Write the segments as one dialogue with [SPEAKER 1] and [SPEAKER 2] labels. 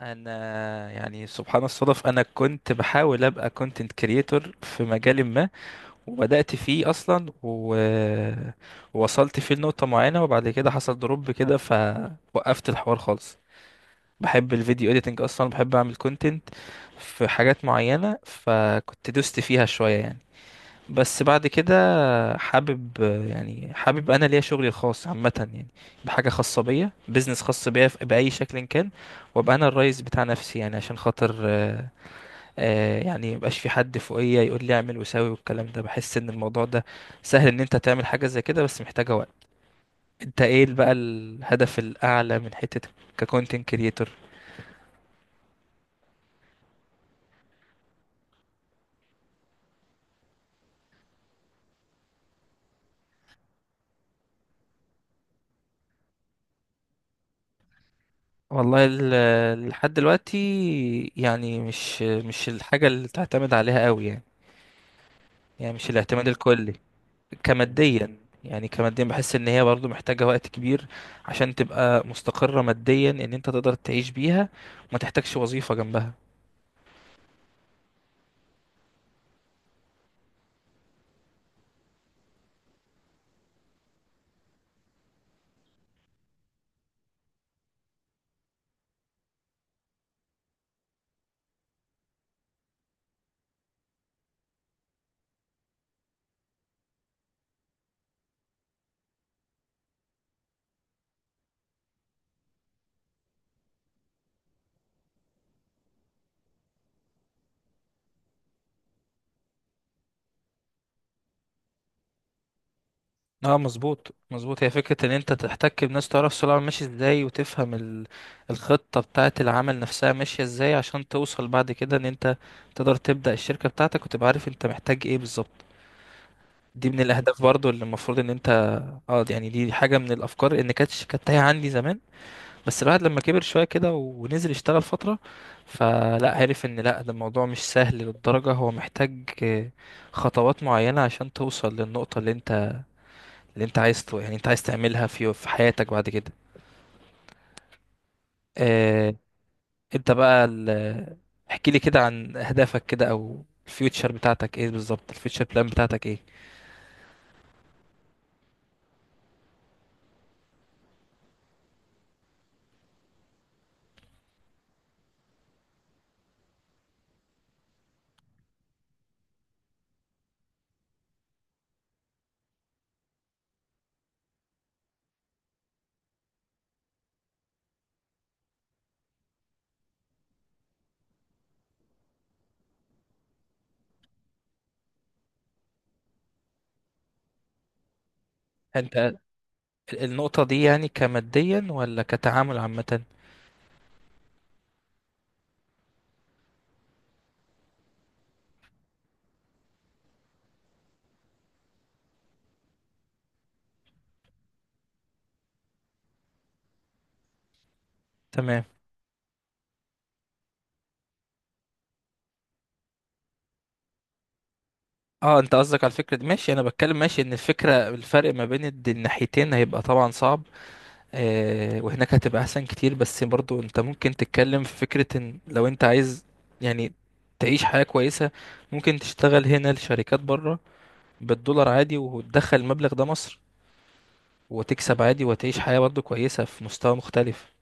[SPEAKER 1] انا سبحان الصدف، انا كنت بحاول ابقى كونتنت كريتور في مجال ما، وبدأت فيه اصلا ووصلت فيه لنقطة معينة، وبعد كده حصل دروب كده فوقفت الحوار خالص. بحب الفيديو اديتنج، اصلا بحب اعمل كونتنت في حاجات معينة، فكنت دوست فيها شوية يعني. بس بعد كده حابب، حابب انا ليا شغلي الخاص عامه يعني، بحاجه خاصه بيا، بيزنس خاص بيا باي شكل كان، وابقى انا الرئيس بتاع نفسي، يعني عشان خاطر مبقاش في حد فوقيا يقول لي اعمل وساوي والكلام ده. بحس ان الموضوع ده سهل ان انت تعمل حاجه زي كده، بس محتاجه وقت. انت ايه بقى الهدف الاعلى من حته ككونتنت كريتور؟ والله لحد دلوقتي يعني مش الحاجه اللي تعتمد عليها قوي يعني، مش الاعتماد الكلي. كماديا. يعني كماديا بحس ان هي برضو محتاجة وقت كبير عشان تبقى مستقرة ماديا، ان انت تقدر تعيش بيها وما تحتاجش وظيفة جنبها. اه مظبوط مظبوط، هي فكرة ان انت تحتك بناس، تعرف سوق العمل ماشي ازاي، وتفهم الخطة بتاعة العمل نفسها ماشية ازاي، عشان توصل بعد كده ان انت تقدر تبدأ الشركة بتاعتك وتبقى عارف انت محتاج ايه بالظبط. دي من الاهداف برضو اللي المفروض ان انت. اه دي حاجة من الافكار ان كانت تايهة عندي زمان، بس الواحد لما كبر شوية كده ونزل يشتغل فترة، فلا عرف ان لا، ده الموضوع مش سهل للدرجة، هو محتاج خطوات معينة عشان توصل للنقطة اللي انت، انت عايز تعملها في حياتك بعد كده. آه، انت بقى احكي لي كده عن اهدافك كده، او الفيوتشر بتاعتك ايه بالظبط، الفيوتشر بلان بتاعتك ايه؟ انت النقطة دي يعني كماديا ولا كتعامل عامة؟ تمام. اه انت قصدك على الفكرة دي، ماشي. انا بتكلم ماشي، ان الفكرة الفرق ما بين الناحيتين هيبقى طبعا صعب. آه، وهناك هتبقى احسن كتير، بس برضو انت ممكن تتكلم في فكرة ان لو انت عايز، يعني، تعيش حياة كويسة، ممكن تشتغل هنا لشركات بره بالدولار عادي، وتدخل المبلغ ده مصر، وتكسب عادي وتعيش حياة برضو كويسة في مستوى مختلف.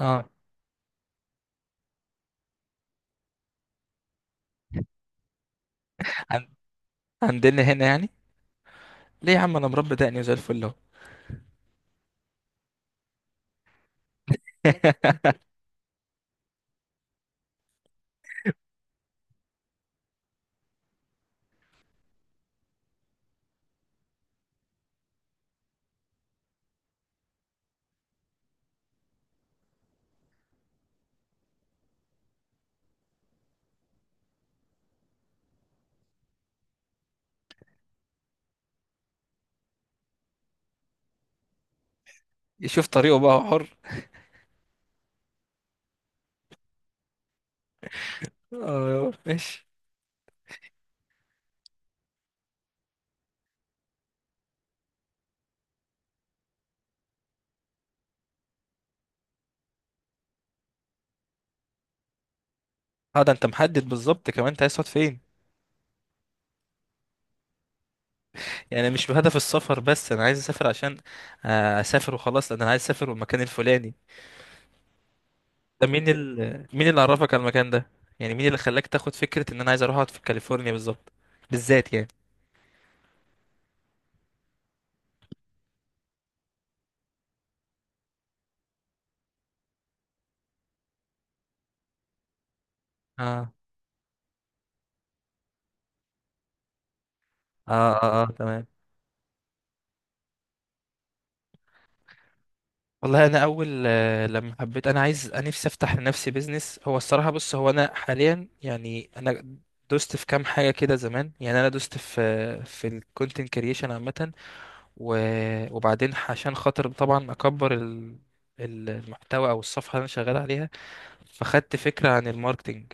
[SPEAKER 1] اه عن- عندنا هنا يعني، ليه يا عم؟ انا مربي دقني وزي الفل اهو. يشوف طريقه بقى، هو حر. اه ماشي. اه ده انت محدد بالظبط كمان، انت عايز تقعد فين؟ يعني مش بهدف السفر بس، انا عايز اسافر عشان اسافر وخلاص، لان انا عايز اسافر المكان الفلاني. ده مين مين اللي عرفك على المكان ده؟ يعني مين اللي خلاك تاخد فكرة ان انا عايز اروح اقعد في كاليفورنيا بالظبط، بالذات يعني؟ اه. اه، اه, آه تمام. والله انا اول لما حبيت انا عايز انا نفسي افتح لنفسي بيزنس، هو الصراحه بص هو انا حاليا يعني انا دوست في كام حاجه كده زمان، يعني انا دوست في في الكونتنت كريشن عامه و... وبعدين عشان خاطر طبعا اكبر المحتوى او الصفحه اللي انا شغال عليها، فخدت فكره عن الماركتينج.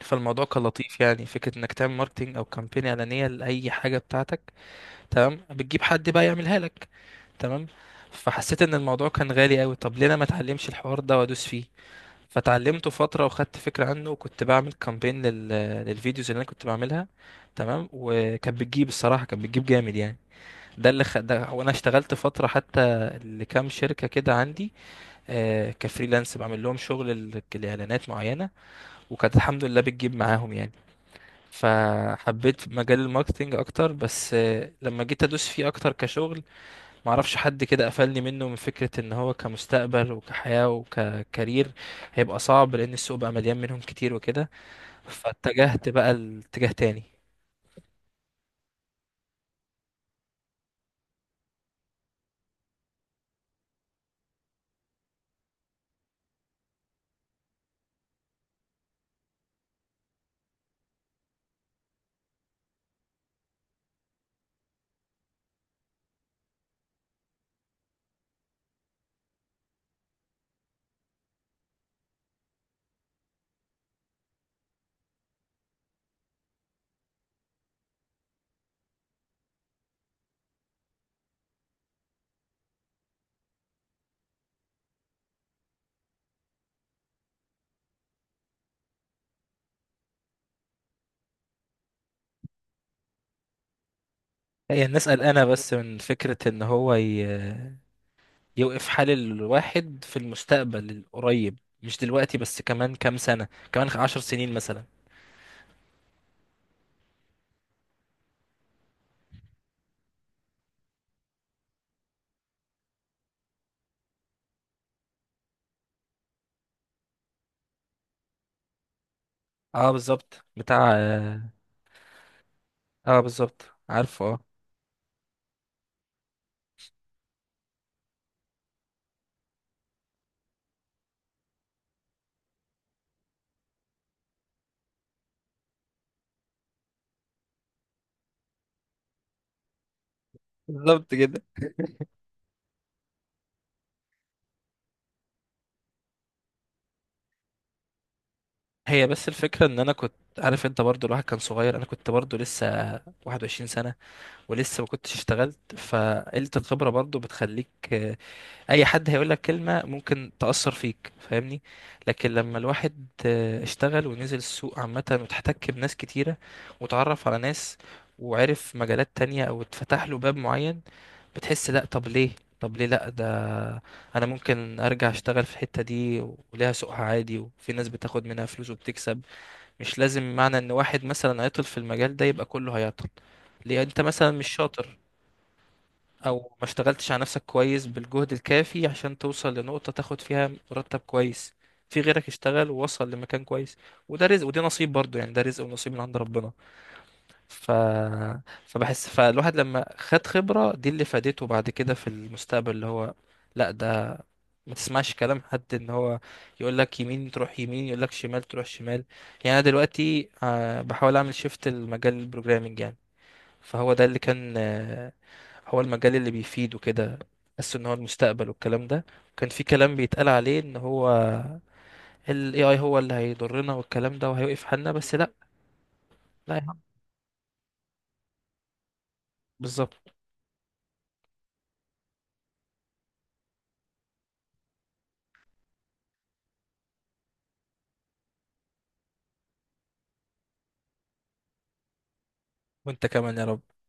[SPEAKER 1] فالموضوع كان لطيف، يعني فكره انك تعمل ماركتينج او كامبين اعلانيه لاي حاجه بتاعتك. تمام، بتجيب حد بقى يعملها لك. تمام. فحسيت ان الموضوع كان غالي قوي، طب ليه انا ما اتعلمش الحوار ده وادوس فيه؟ فتعلمته فتره وخدت فكره عنه، وكنت بعمل كامبين للفيديوز اللي انا كنت بعملها. تمام، وكانت بتجيب، الصراحه كانت بتجيب جامد يعني. ده وانا اشتغلت فتره حتى لكام شركه كده عندي، آه كفريلانس بعمل لهم شغل الاعلانات معينه، وكانت الحمد لله بتجيب معاهم يعني. فحبيت مجال الماركتينج اكتر، بس آه لما جيت ادوس فيه اكتر كشغل، معرفش حد كده قفلني منه، من فكره ان هو كمستقبل وكحياه وككارير هيبقى صعب، لان السوق بقى مليان منهم كتير وكده، فاتجهت بقى لاتجاه تاني. هي الناس قلقانه بس من فكره ان هو يوقف حال الواحد في المستقبل القريب، مش دلوقتي بس، كمان كام سنة، كمان عشر سنين مثلا. اه بالظبط بتاع، اه آه، بالظبط. عارفه اه. بالظبط كده. هي بس الفكرة ان انا كنت عارف، انت برضو الواحد كان صغير، انا كنت برضو لسه 21 سنة ولسه ما كنتش اشتغلت، فقلة الخبرة برضو بتخليك اي حد هيقول لك كلمة ممكن تأثر فيك، فاهمني؟ لكن لما الواحد اشتغل ونزل السوق عامة وتحتك بناس كتيرة وتعرف على ناس وعرف مجالات تانية او اتفتح له باب معين، بتحس لا، طب ليه لا، ده انا ممكن ارجع اشتغل في الحتة دي وليها سوقها عادي، وفي ناس بتاخد منها فلوس وبتكسب. مش لازم معنى ان واحد مثلا عطل في المجال ده يبقى كله هيعطل. ليه؟ انت مثلا مش شاطر او ما اشتغلتش على نفسك كويس بالجهد الكافي عشان توصل لنقطة تاخد فيها مرتب كويس. في غيرك اشتغل ووصل لمكان كويس، وده رزق ودي نصيب برضو، يعني ده رزق ونصيب من عند ربنا. ف... فبحس فالواحد لما خد خبرة دي اللي فادته بعد كده في المستقبل، اللي هو لا ده ما تسمعش كلام حد، ان هو يقول لك يمين تروح يمين، يقول لك شمال تروح شمال. يعني انا دلوقتي بحاول اعمل شيفت لمجال البروجرامنج يعني، فهو ده اللي كان هو المجال اللي بيفيده كده، بس ان هو المستقبل والكلام ده، وكان في كلام بيتقال عليه ان هو ال AI هو اللي هيضرنا والكلام ده وهيوقف حالنا، بس لا. لا يا عم. بالظبط. وانت كمان يا رب.